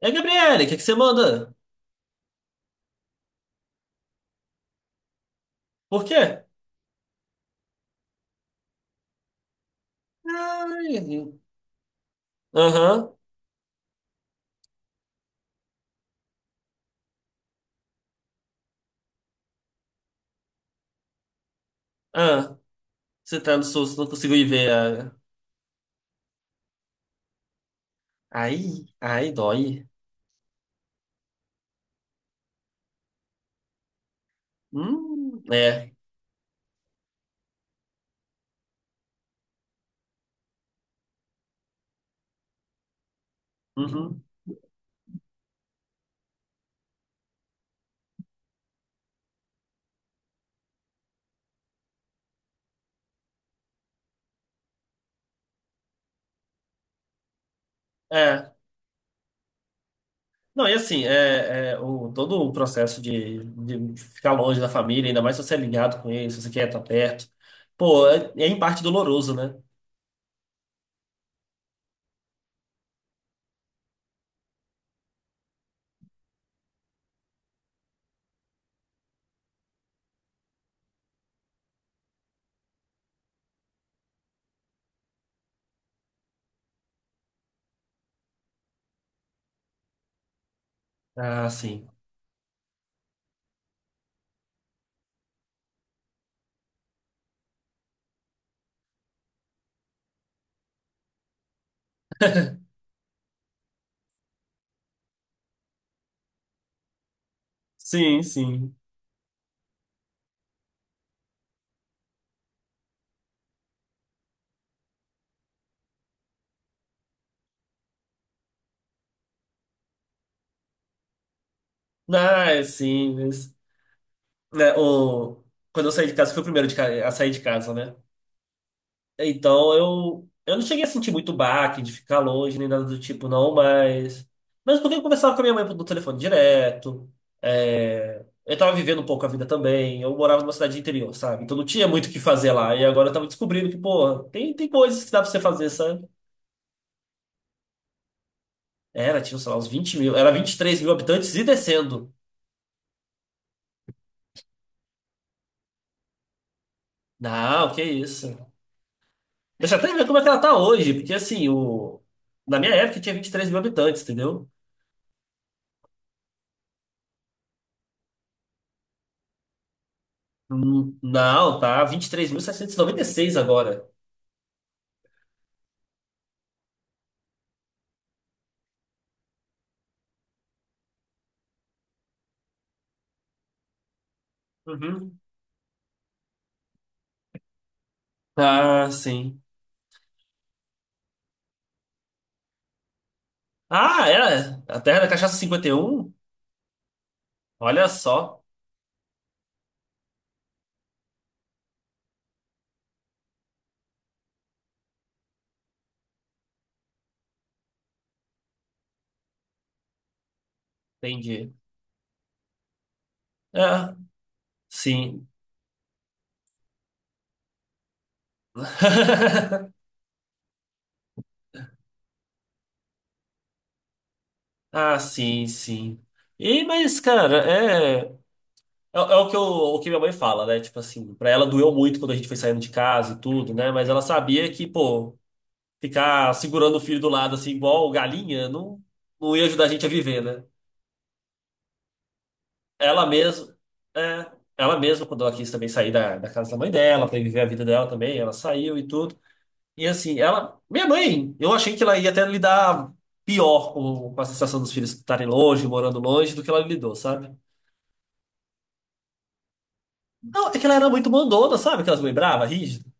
É, Gabriele, o que é que você manda? Por quê? Ai. Aham. Ah, você tá no susto, não consigo ir ver a. Ai, ai, dói. É. Uhum. É. Não, e assim, todo o processo de ficar longe da família, ainda mais se você é ligado com eles, se você quer estar perto. Pô, é em parte doloroso, né? Ah, sim. Sim, sim. Ah, é sim, né, o, quando eu saí de casa, fui o primeiro a sair de casa, né? Então eu não cheguei a sentir muito baque de ficar longe nem nada do tipo, não. Mas porque eu conversava com a minha mãe no telefone direto. Eu tava vivendo um pouco a vida também. Eu morava numa cidade de interior, sabe? Então não tinha muito o que fazer lá. E agora eu tava descobrindo que, porra, tem coisas que dá pra você fazer, sabe? Era, tinha, sei lá, uns 20 mil. Era 23 mil habitantes e descendo. Não, que isso. Deixa eu até ver como é que ela tá hoje, porque assim. Na minha época tinha 23 mil habitantes, entendeu? Não, tá vinte e três mil seiscentos e noventa e seis agora. Uhum. Ah, sim. Ah, é? A Terra da Cachaça 51. Olha só. Entendi. Ah, sim. Ah, sim, sim. E, mas, cara, é o que o que minha mãe fala, né? Tipo assim, pra ela doeu muito quando a gente foi saindo de casa e tudo, né? Mas ela sabia que, pô, ficar segurando o filho do lado, assim, igual galinha, não, não ia ajudar a gente a viver, né? Ela mesma, é, ela mesma, quando ela quis também sair da casa da mãe dela, para viver a vida dela também, ela saiu e tudo. E assim, ela, minha mãe, eu achei que ela ia até lidar pior com a sensação dos filhos estarem longe, morando longe, do que ela lidou, sabe? Não, é que ela era muito mandona, sabe? Aquelas mães bravas, rígidas.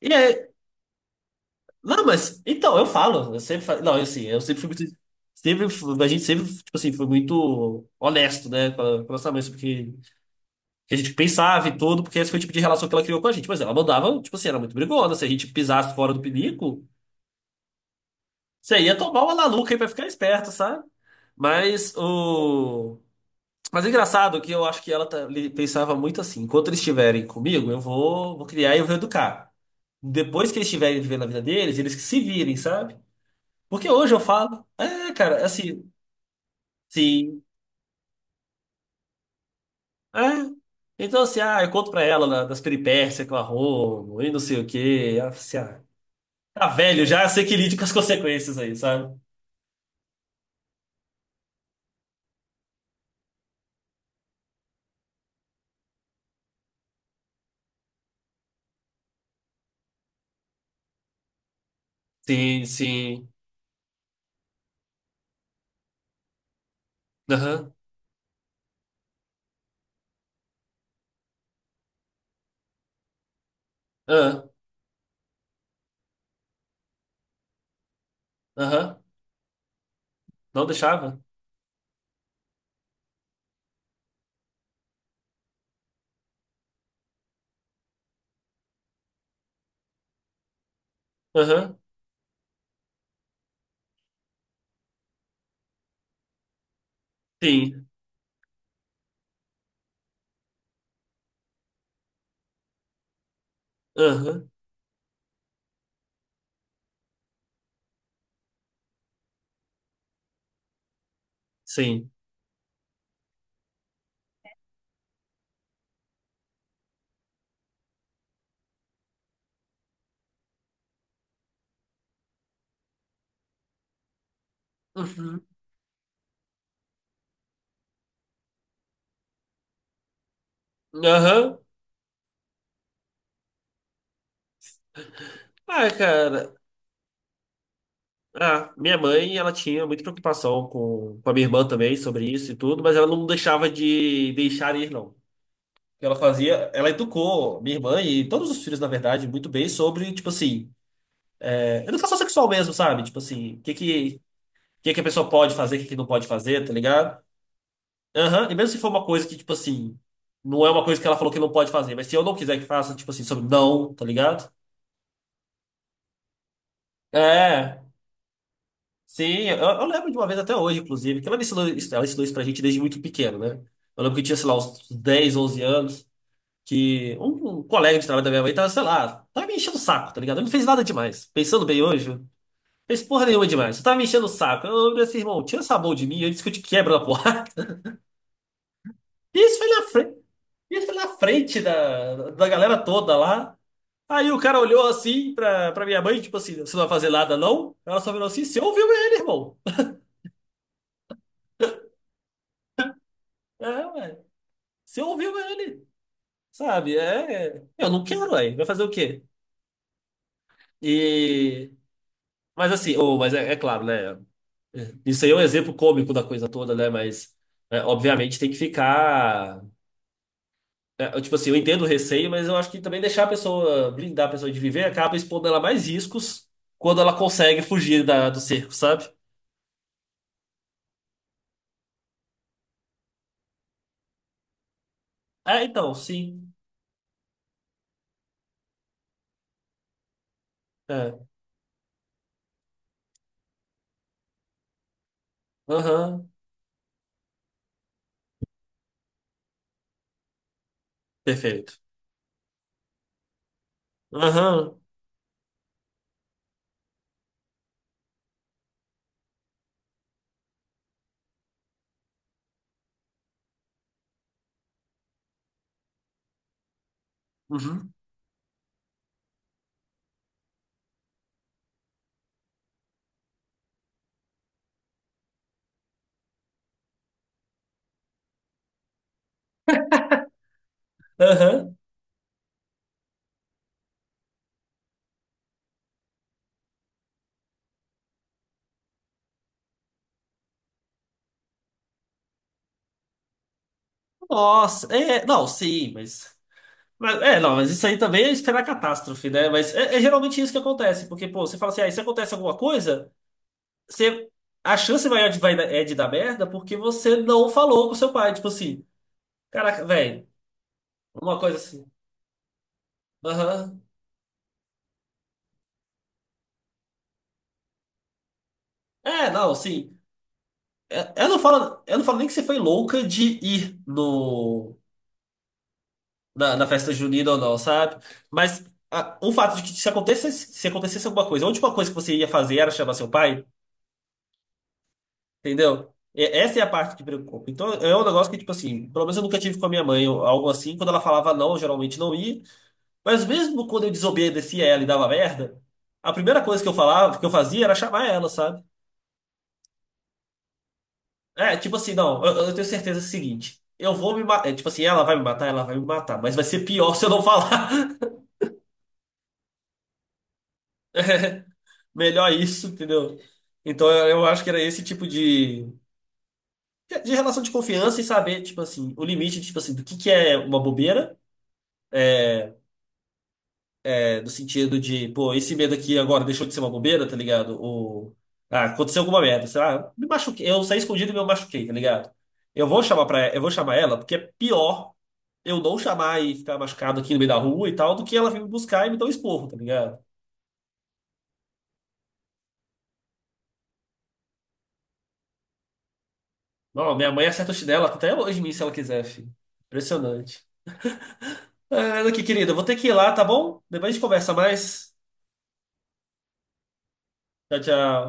E aí, não, mas, então, eu falo, eu sempre falo, não, assim, eu sempre fui muito, a gente sempre, tipo assim, foi muito honesto, né, com a nossa mãe, sobre o que que a gente pensava e tudo, porque esse foi o tipo de relação que ela criou com a gente. Mas ela mandava, tipo assim, era muito brigona. Se a gente pisasse fora do pinico, você ia tomar uma laluca aí pra ficar esperto, sabe? Mas o. Mas é engraçado que eu acho que ela pensava muito assim: enquanto eles estiverem comigo, eu vou criar e eu vou educar. Depois que eles estiverem vivendo a vida deles, eles que se virem, sabe? Porque hoje eu falo, cara, assim, sim, é. Então, assim, ah, eu conto pra ela das peripécias que eu arrumo e não sei o quê. Ela, fala assim, ah, Tá velho já, sei que lide com as consequências aí, sabe? Sim, sim. Aham, aham, aham. Não deixava? Aham, sim. Aham, sim. Uhum. Aham. Ah, cara. Ah, minha mãe, ela tinha muita preocupação com a minha irmã também sobre isso e tudo, mas ela não deixava de deixar ir, não. O que ela fazia, ela educou minha irmã e todos os filhos, na verdade, muito bem sobre, tipo assim, educação sexual mesmo, sabe? Tipo assim, o que que a pessoa pode fazer, o que que não pode fazer, tá ligado? Aham, e mesmo se for uma coisa que, tipo assim, não é uma coisa que ela falou que não pode fazer, mas se eu não quiser que faça, tipo assim, sobre não, tá ligado? É, sim, eu lembro de uma vez até hoje, inclusive, que ela me ensinou, ela ensinou isso pra gente desde muito pequeno, né? Eu lembro que eu tinha, sei lá, uns 10, 11 anos, que um colega de trabalho da minha mãe tava, sei lá, tava me enchendo o saco, tá ligado? Ele não fez nada demais. Pensando bem hoje, não fez porra nenhuma demais. Você tava me enchendo o saco. Eu falei assim, irmão, tira essa mão de mim antes que eu te quebro na porrada. E isso foi na frente, isso foi na frente da galera toda lá. Aí o cara olhou assim pra minha mãe, tipo assim, você não vai fazer nada, não? Ela só virou assim, você ouviu ele, irmão? É, ué, você ouviu ele, sabe? É, eu não quero, ué, vai fazer o quê? E, mas assim, mas é claro, né? Isso aí é um exemplo cômico da coisa toda, né? Mas, obviamente, tem que ficar. Tipo assim, eu entendo o receio, mas eu acho que também deixar a pessoa, blindar a pessoa de viver, acaba expondo ela a mais riscos quando ela consegue fugir do cerco, sabe? É, então, sim. É. Aham. Perfeito. Aham. Uhum. Aham. Nossa, é, não, sim, é, não, mas isso aí também é esperar catástrofe, né? Mas é geralmente isso que acontece, porque, pô, você fala assim, ah, e se acontece alguma coisa, você, a chance maior de, vai, é de dar merda porque você não falou com seu pai. Tipo assim, caraca, velho, uma coisa assim. Aham. É, não, sim. É, Eu não falo nem que você foi louca de ir no. na, na festa junina ou não, sabe? Mas o fato de que se acontecesse alguma coisa, a última coisa que você ia fazer era chamar seu pai, entendeu? Essa é a parte que preocupa. Então é um negócio que, tipo assim, pelo menos eu nunca tive com a minha mãe ou algo assim. Quando ela falava não, eu geralmente não ia. Mas mesmo quando eu desobedecia ela e dava merda, a primeira coisa que eu falava, que eu fazia era chamar ela, sabe? É, tipo assim, não, eu tenho certeza do seguinte. Eu vou me matar. Tipo assim, ela vai me matar, ela vai me matar. Mas vai ser pior se eu não falar. Melhor isso, entendeu? Então eu acho que era esse tipo de, relação de confiança e saber, tipo assim, o limite, tipo assim, do que é uma bobeira, no sentido de, pô, esse medo aqui agora deixou de ser uma bobeira, tá ligado? Ou, ah, aconteceu alguma merda, sei lá, me machuquei, eu saí escondido e me machuquei, tá ligado? Eu vou chamar ela, porque é pior eu não chamar e ficar machucado aqui no meio da rua e tal, do que ela vir me buscar e me dar um esporro, tá ligado? Não, minha mãe acerta o chinelo até hoje em mim se ela quiser, filho. Impressionante. É, aqui, querida, eu vou ter que ir lá, tá bom? Depois a gente conversa mais. Tchau, tchau.